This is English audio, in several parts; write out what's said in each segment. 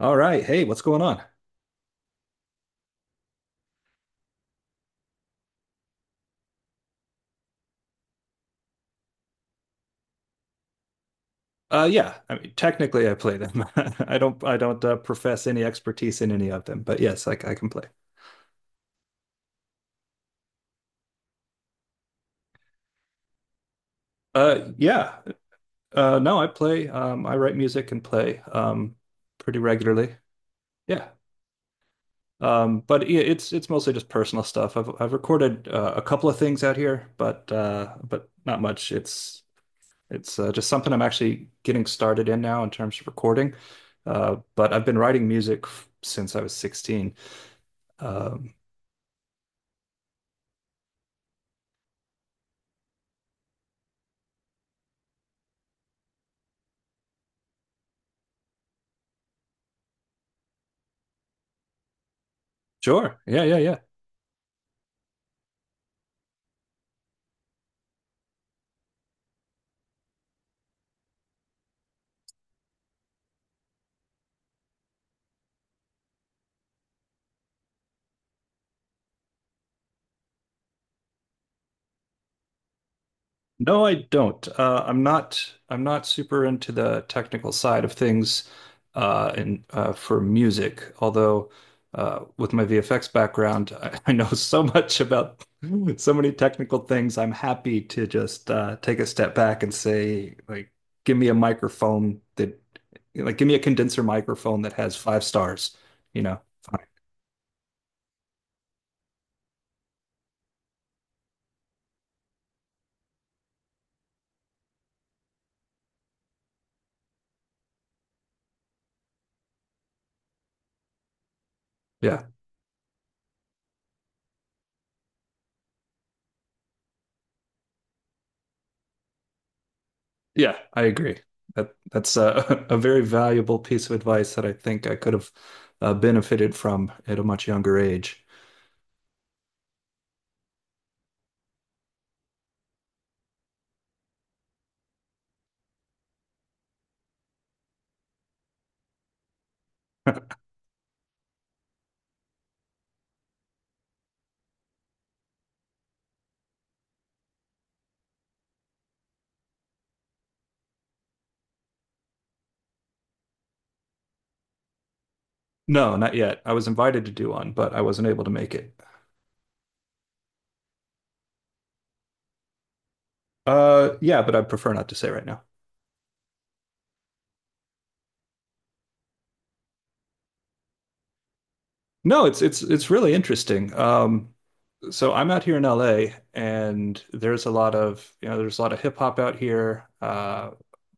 All right. Hey, what's going on? Yeah. I mean, technically, I play them. I don't. I don't profess any expertise in any of them, but yes, I can play. Yeah. No, I play. I write music and play pretty regularly. Yeah. But it's mostly just personal stuff. I've recorded a couple of things out here, but not much. It's just something I'm actually getting started in now in terms of recording. But I've been writing music since I was 16. Um, Sure. Yeah, yeah, yeah. No, I don't. I'm not. I'm not super into the technical side of things, and for music. Although, with my VFX background, I know so much about so many technical things. I'm happy to just take a step back and say, like, give me a microphone that, like, give me a condenser microphone that has five stars. You know? Fine. Yeah. Yeah, I agree. That's a, a very valuable piece of advice that I think I could have benefited from at a much younger age. No, not yet. I was invited to do one, but I wasn't able to make it. Yeah, but I prefer not to say right now. No, it's really interesting. So I'm out here in LA, and there's a lot of, there's a lot of hip hop out here uh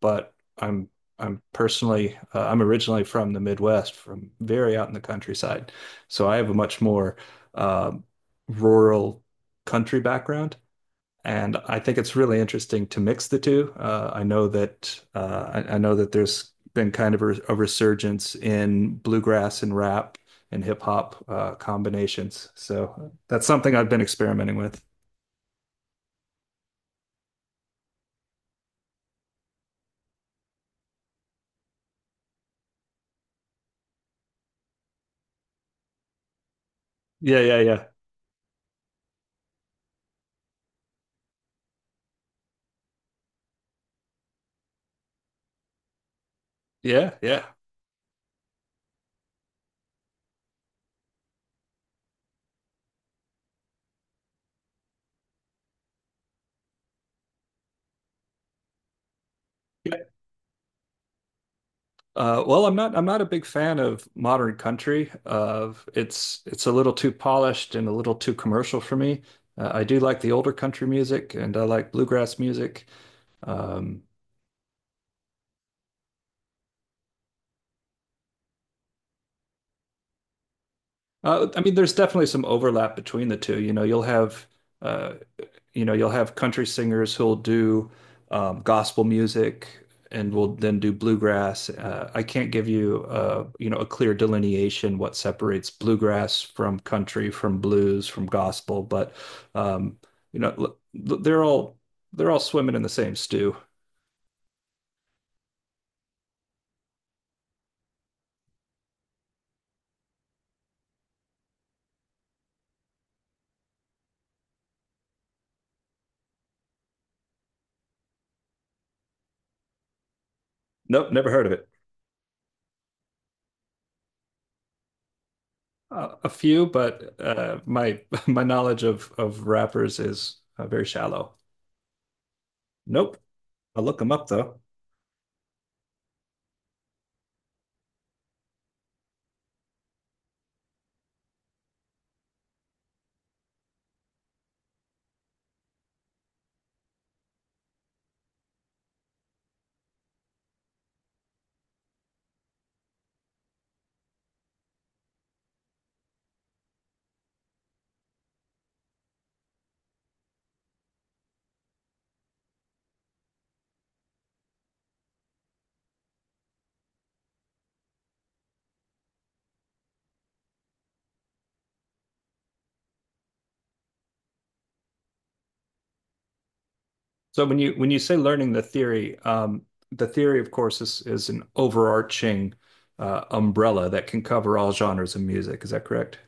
but I'm personally I'm originally from the Midwest, from very out in the countryside, so I have a much more um rural country background, and I think it's really interesting to mix the two. I know that I know that there's been kind of a resurgence in bluegrass and rap and hip hop combinations. So that's something I've been experimenting with. Yeah, yeah, yeah, yeah, yeah. Yeah. Well, I'm not. I'm not a big fan of modern country. Of it's a little too polished and a little too commercial for me. I do like the older country music, and I like bluegrass music. Um, I mean, there's definitely some overlap between the two. You know, you'll have, uh, you know, you'll have country singers who'll do gospel music and will then do bluegrass. I can't give you, you know, a clear delineation what separates bluegrass from country, from blues, from gospel, but um, you know, they're all swimming in the same stew. Nope, never heard of it. A few, but my my knowledge of rappers is very shallow. Nope. I'll look them up though. So when you say learning the theory, of course, is an overarching umbrella that can cover all genres of music. Is that correct?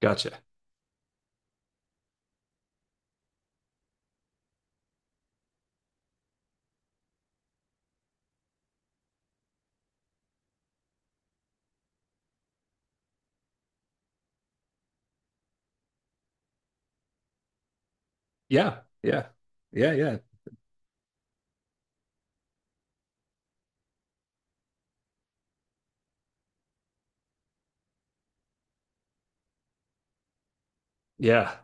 Gotcha. Yeah, yeah, yeah, yeah, yeah,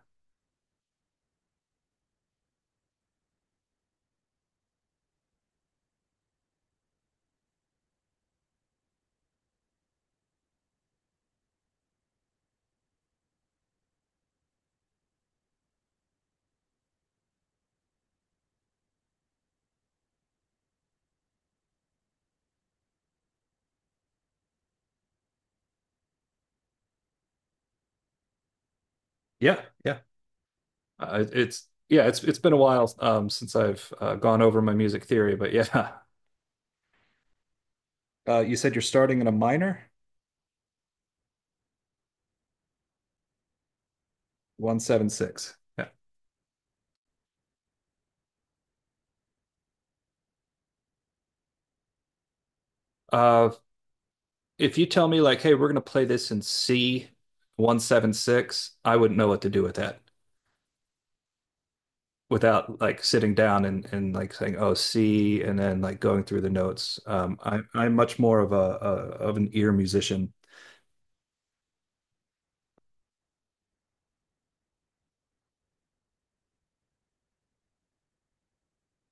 yeah, yeah. It's yeah, it's been a while since I've gone over my music theory, but yeah. You said you're starting in a minor, 1 7 6. Yeah. Uh, if you tell me like, hey, we're gonna play this in C 1 7 6, I wouldn't know what to do with that without like sitting down and like saying, oh, C, and then like going through the notes. I'm much more of a of an ear musician.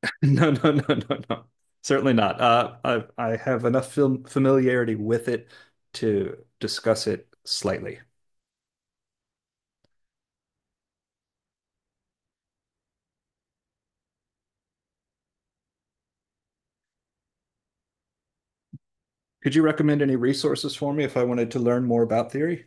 No, no, no, no, no. Certainly not. I have enough film familiarity with it to discuss it slightly. Could you recommend any resources for me if I wanted to learn more about theory?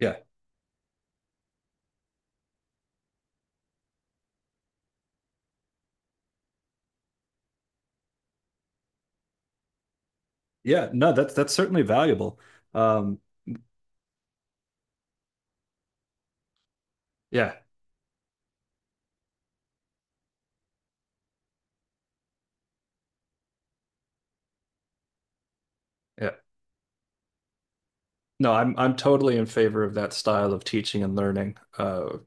Yeah. Yeah. No, that's certainly valuable. Um, yeah. Yeah. No, I'm totally in favor of that style of teaching and learning.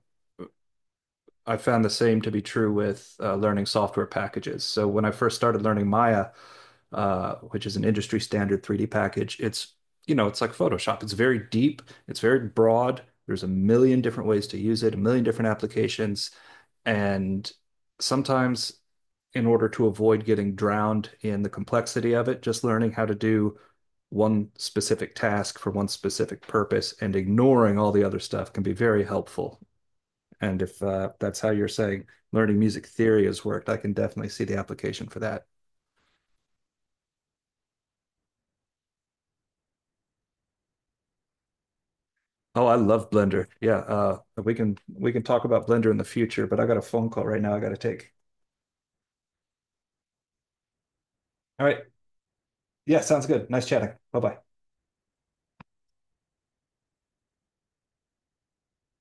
I found the same to be true with learning software packages. So when I first started learning Maya, which is an industry standard 3D package. It's, you know, it's like Photoshop. It's very deep, it's very broad. There's a million different ways to use it, a million different applications. And sometimes, in order to avoid getting drowned in the complexity of it, just learning how to do one specific task for one specific purpose and ignoring all the other stuff can be very helpful. And if that's how you're saying learning music theory has worked, I can definitely see the application for that. Oh, I love Blender. Yeah, we can talk about Blender in the future, but I got a phone call right now I got to take. All right. Yeah, sounds good. Nice chatting. Bye-bye.